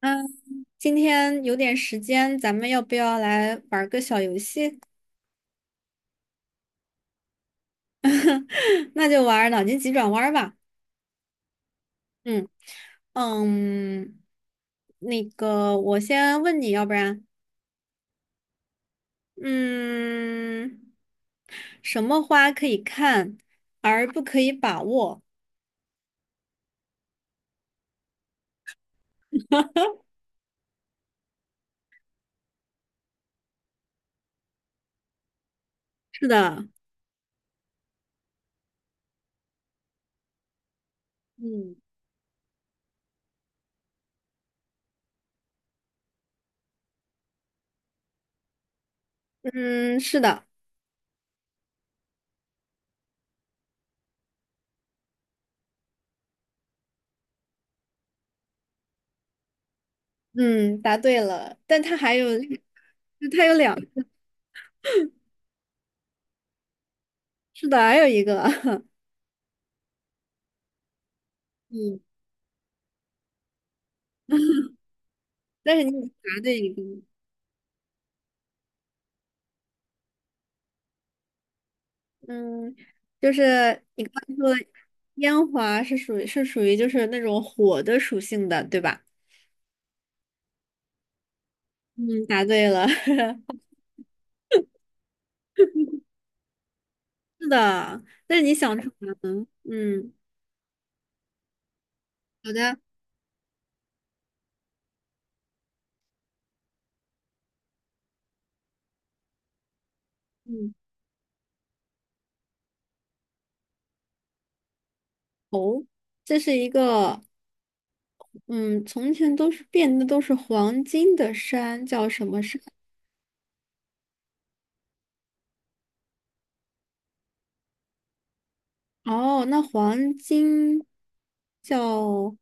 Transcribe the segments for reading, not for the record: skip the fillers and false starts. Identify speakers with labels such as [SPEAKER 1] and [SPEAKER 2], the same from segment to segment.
[SPEAKER 1] 嗯，今天有点时间，咱们要不要来玩个小游戏？那就玩脑筋急转弯儿吧。嗯嗯，那个，我先问你，要不然。嗯，什么花可以看而不可以把握？是的。嗯嗯，是的。嗯，答对了。但它还有，它有两，是的，还有一个，嗯，但是你答对一个。嗯，就是你刚才说的烟花是属于就是那种火的属性的，对吧？嗯，答对了，是的。那你想出来了。嗯，好的。嗯，哦，这是一个，嗯，从前都是变的都是黄金的山，叫什么山？哦，那黄金叫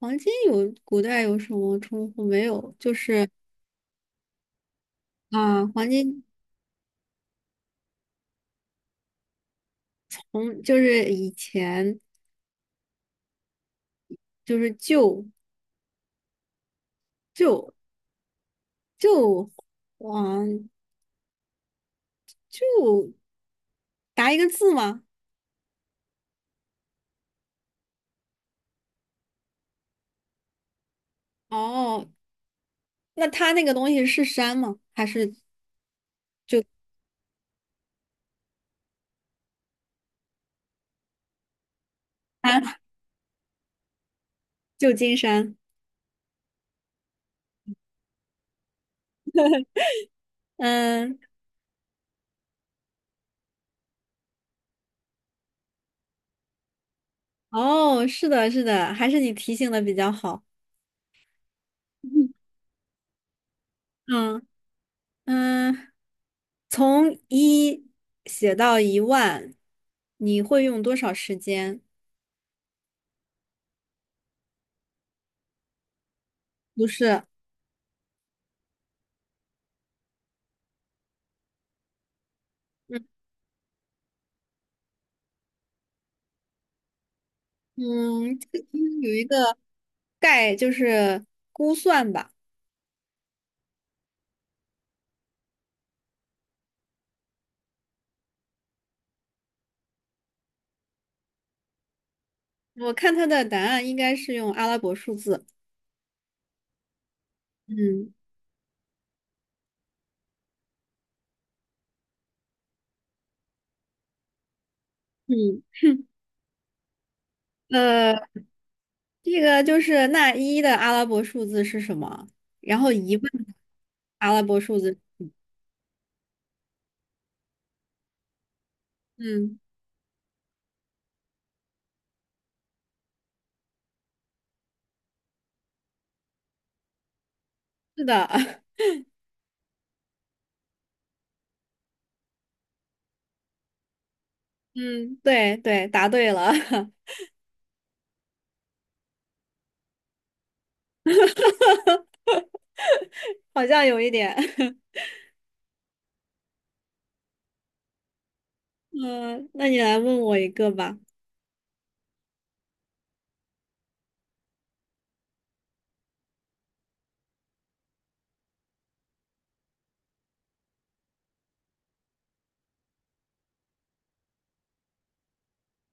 [SPEAKER 1] 黄金有古代有什么称呼没有？就是啊，黄金从就是以前。就是就就就，嗯，就答一个字吗？哦，那它那个东西是山吗？还是 啊，旧金山？嗯，哦，是的，是的，还是你提醒的比较好。嗯嗯，从一写到一万，你会用多少时间？不是。嗯嗯，这个应该有一个概，就是估算吧。我看他的答案应该是用阿拉伯数字。嗯嗯，呃，这个就是那一的阿拉伯数字是什么？然后一问阿拉伯数字。嗯，是的，嗯，对对，答对了，好像有一点。嗯，那你来问我一个吧。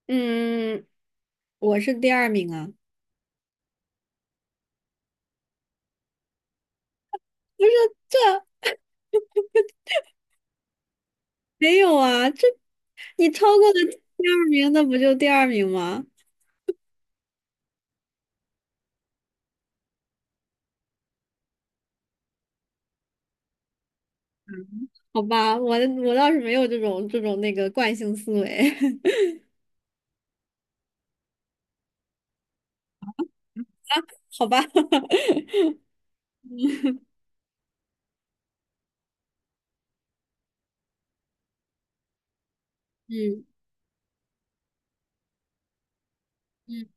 [SPEAKER 1] 嗯，我是第二名啊。不是，这没有啊，这你超过了第二名，那不就第二名吗？好吧，我倒是没有这种那个惯性思维，好吧，嗯嗯，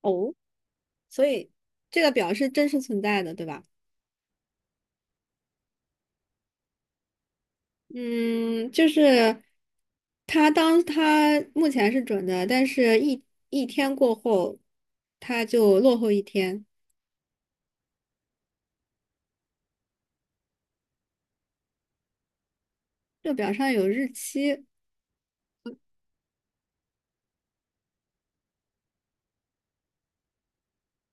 [SPEAKER 1] 哦，所以这个表是真实存在的，对吧？嗯，就是它当它目前是准的，但是一天过后，它就落后一天。这表上有日期，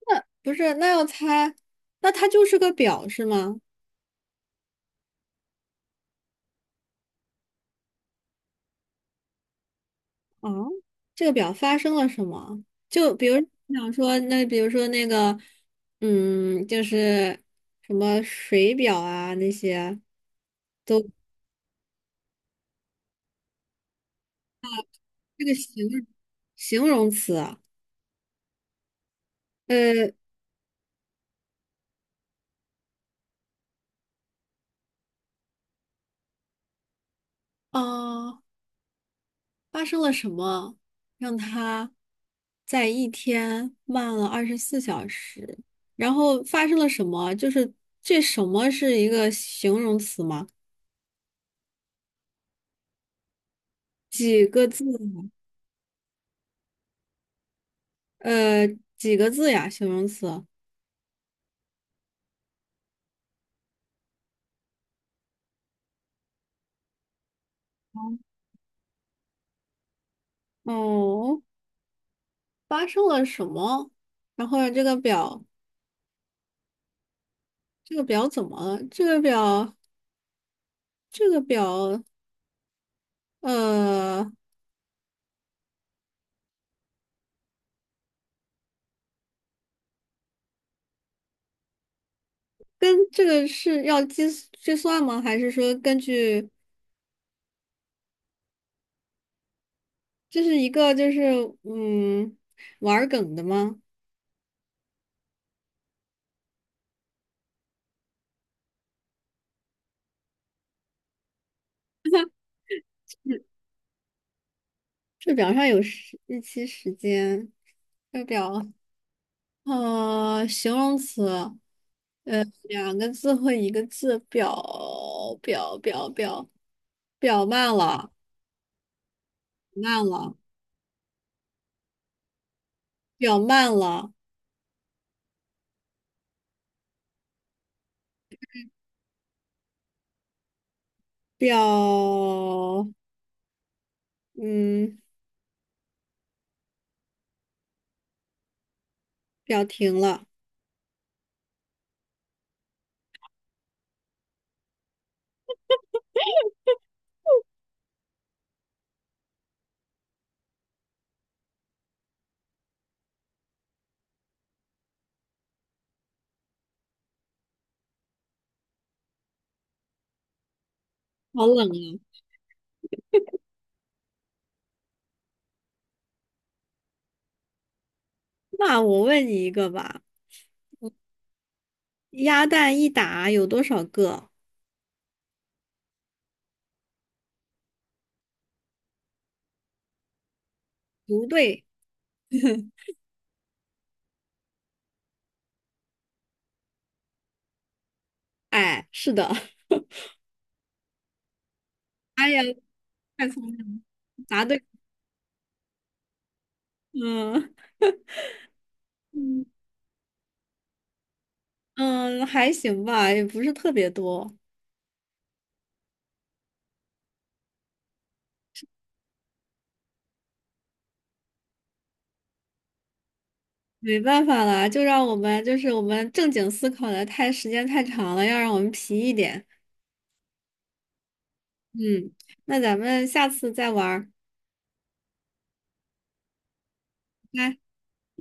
[SPEAKER 1] 那不是，那要猜，那它就是个表是吗？哦，这个表发生了什么？就比如想说，那比如说那个，就是什么水表啊那些。都这个形容词啊呃，啊，发生了什么让它在一天慢了24小时？然后发生了什么？就是这什么是一个形容词吗？几个字？呃，几个字呀？形容词？哦，发生了什么？然后这个表，怎么了？这个表，这个表，呃，跟这个是要计算吗？还是说根据这是一个就是嗯玩儿梗的吗？嗯这表上有时日期、时间，这表形容词，两个字或一个字，表表表表慢了，慢了，表慢了。表，嗯，表停了。好冷啊。那我问你一个吧，鸭蛋一打有多少个？不对。哎，是的。哎呀，太聪明了，答对。嗯嗯嗯，还行吧，也不是特别多。没办法啦，就让我们就是我们正经思考的太时间太长了，要让我们皮一点。嗯，那咱们下次再玩儿。拜拜。